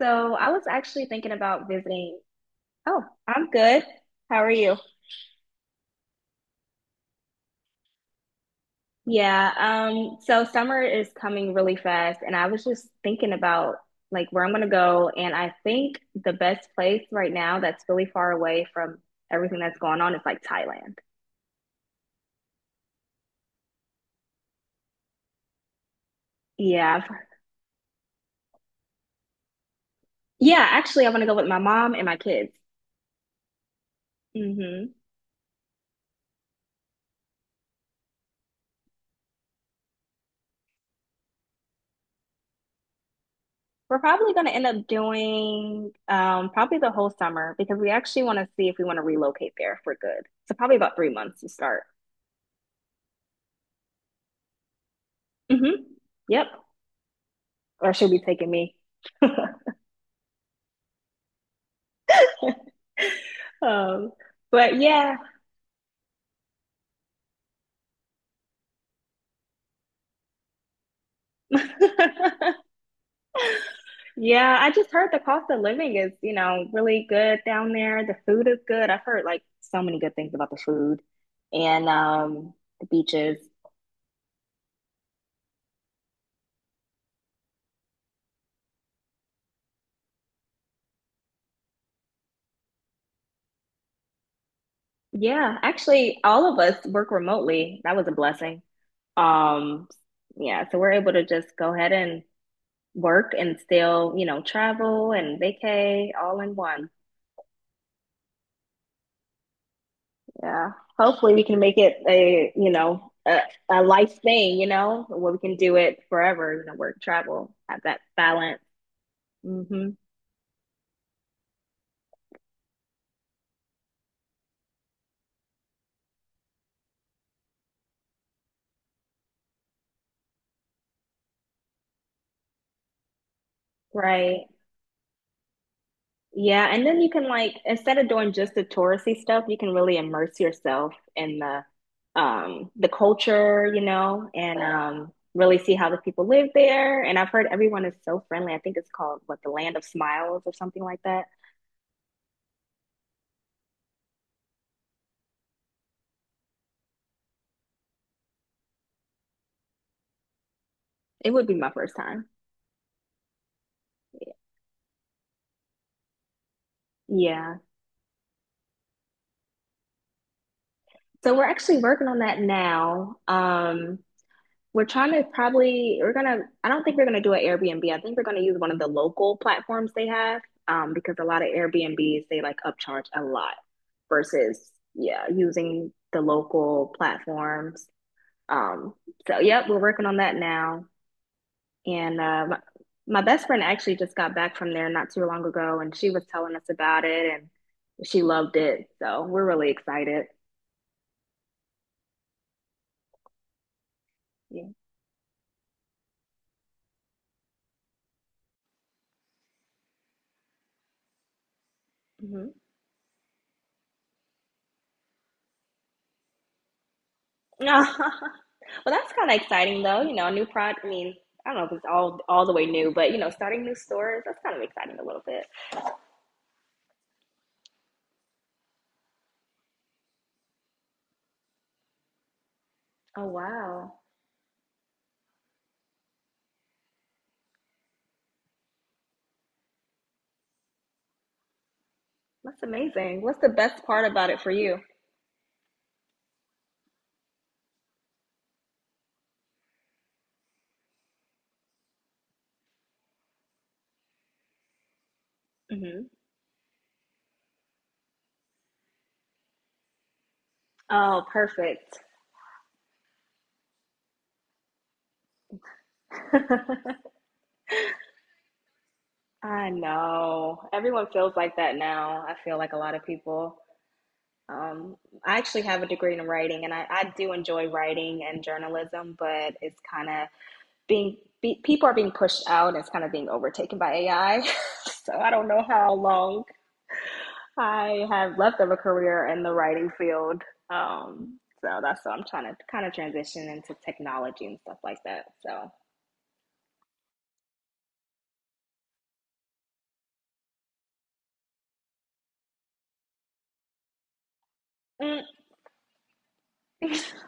So I was actually thinking about visiting. Oh, I'm good. How are you? Yeah, so summer is coming really fast, and I was just thinking about like where I'm gonna go, and I think the best place right now that's really far away from everything that's going on is like Thailand. Yeah, I've- yeah, actually, I want to go with my mom and my kids. Hmm. We're probably gonna end up doing probably the whole summer because we actually want to see if we want to relocate there for good. So probably about 3 months to start. Hmm. Yep. Or she'll be taking me. Um, but yeah. Yeah, I just heard the cost of living is, you know, really good down there. The food is good. I've heard like so many good things about the food and the beaches. Yeah, actually all of us work remotely. That was a blessing. Um, yeah, so we're able to just go ahead and work and still, you know, travel and vacay all in one. Yeah. Hopefully we can make it a life thing, you know, where we can do it forever, you know, work, travel, have that balance. Hmm. Right. Yeah. And then you can like, instead of doing just the touristy stuff, you can really immerse yourself in the culture, you know, and really see how the people live there. And I've heard everyone is so friendly. I think it's called what, the Land of Smiles or something like that. It would be my first time. Yeah. So we're actually working on that now. We're trying to probably we're gonna I don't think we're gonna do an Airbnb. I think we're gonna use one of the local platforms they have because a lot of Airbnbs they like upcharge a lot versus yeah using the local platforms. Um, so yep, we're working on that now. And my best friend actually just got back from there not too long ago, and she was telling us about it, and she loved it. So we're really excited. Yeah. Hmm. Well, that's kind of exciting, though. You know, a new product. I mean, I don't know if it's all the way new, but you know, starting new stores, that's kind of exciting a little bit. Oh, wow, that's amazing. What's the best part about it for you? Hmm. Oh, perfect. I know everyone feels like that now. I feel like a lot of people. Um, I actually have a degree in writing, and I do enjoy writing and journalism, but it's kind of people are being pushed out. And it's kind of being overtaken by AI. So I don't know how long I have left of a career in the writing field. So that's what I'm trying to kind of transition into technology and stuff like that. So, mm,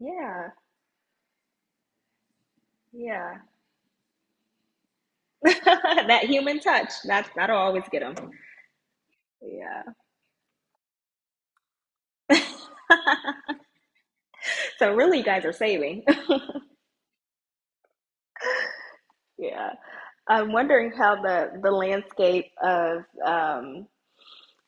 yeah, yeah. That human touch, that'll always get them. Yeah. So really, you guys are saving. Yeah. I'm wondering how the landscape of,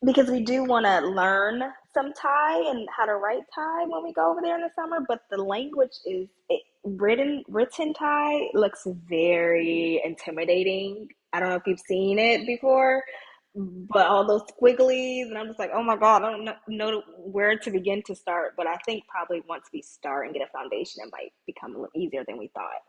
because we do want to learn some Thai and how to write Thai when we go over there in the summer. But the language is it, written Thai looks very intimidating. I don't know if you've seen it before, but all those squigglies and I'm just like, oh my god, I don't know where to begin to start. But I think probably once we start and get a foundation, it might become a little easier than we thought.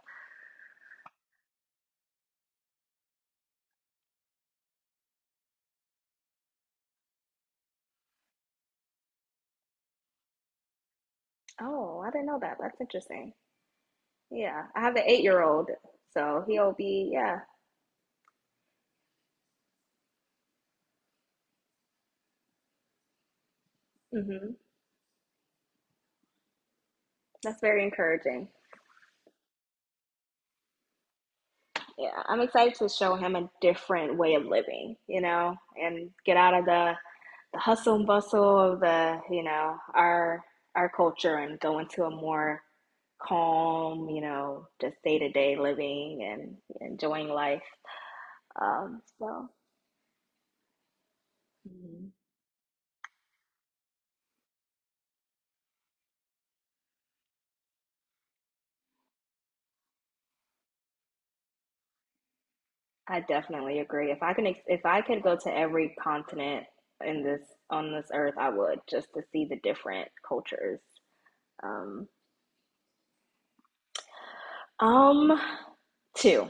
Oh, I didn't know that. That's interesting. Yeah, I have an 8 year old, so he'll be yeah. Mm-hmm. That's very encouraging. Yeah, I'm excited to show him a different way of living, you know, and get out of the hustle and bustle of the, you know, our culture and go into a more calm, you know, just day to day living and enjoying life. So mhm. I definitely agree. If I could go to every continent in this on this earth, I would, just to see the different cultures. Um, um, two.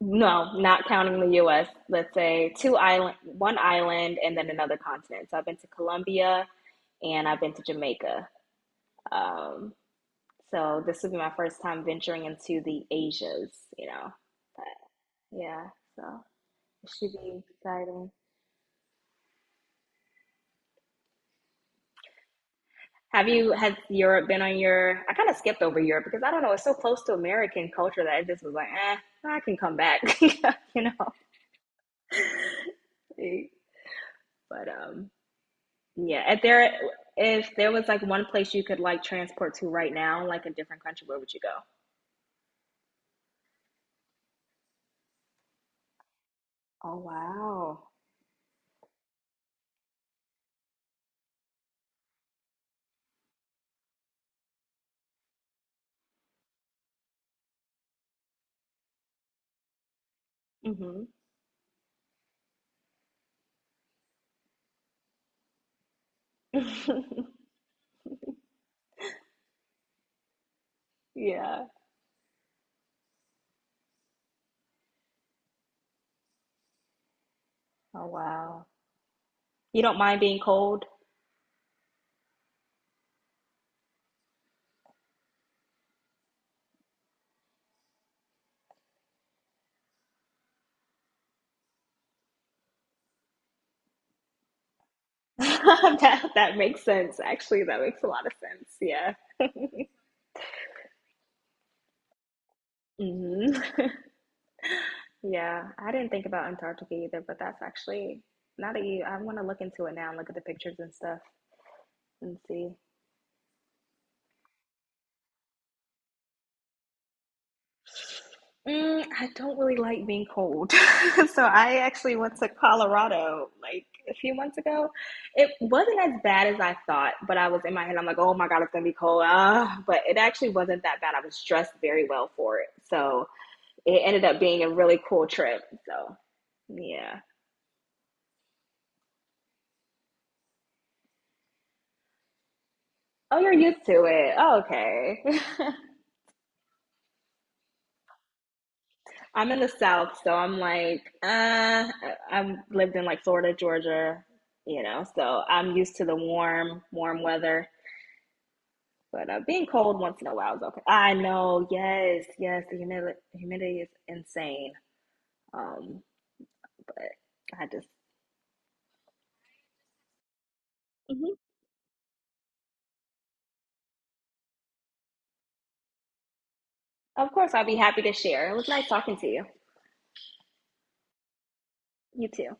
No, not counting the US. Let's say two island, one island, and then another continent. So I've been to Colombia and I've been to Jamaica. Um, so this would be my first time venturing into the Asias, you know. But yeah, so it should be exciting. Have you has Europe been on your? I kind of skipped over Europe because I don't know. It's so close to American culture that I just was like, eh, I can come back, you know. But Yeah, if there was like one place you could like transport to right now, like a different country, where would you go? Oh, wow. Hmm. Yeah. Oh, wow. You don't mind being cold? That makes sense. Actually, that makes a lot of sense. Yeah. Hmm. Yeah, I didn't think about Antarctica either, but that's actually not that you. I want to look into it now and look at the pictures and stuff and see. Mm, I don't really like being cold. So I actually went to Colorado like a few months ago. It wasn't as bad as I thought, but I was in my head, I'm like, oh my God, it's gonna be cold. Ah, but it actually wasn't that bad. I was dressed very well for it. So it ended up being a really cool trip. So yeah. Oh, you're used to it. Oh, okay. I'm in the South, so I'm like, I've lived in like Florida, Georgia, you know, so I'm used to the warm weather. But being cold once in a while is okay. I know, the humidity is insane. Um, but I just, Mhm. Of course, I'll be happy to share. It was nice talking to you. You too.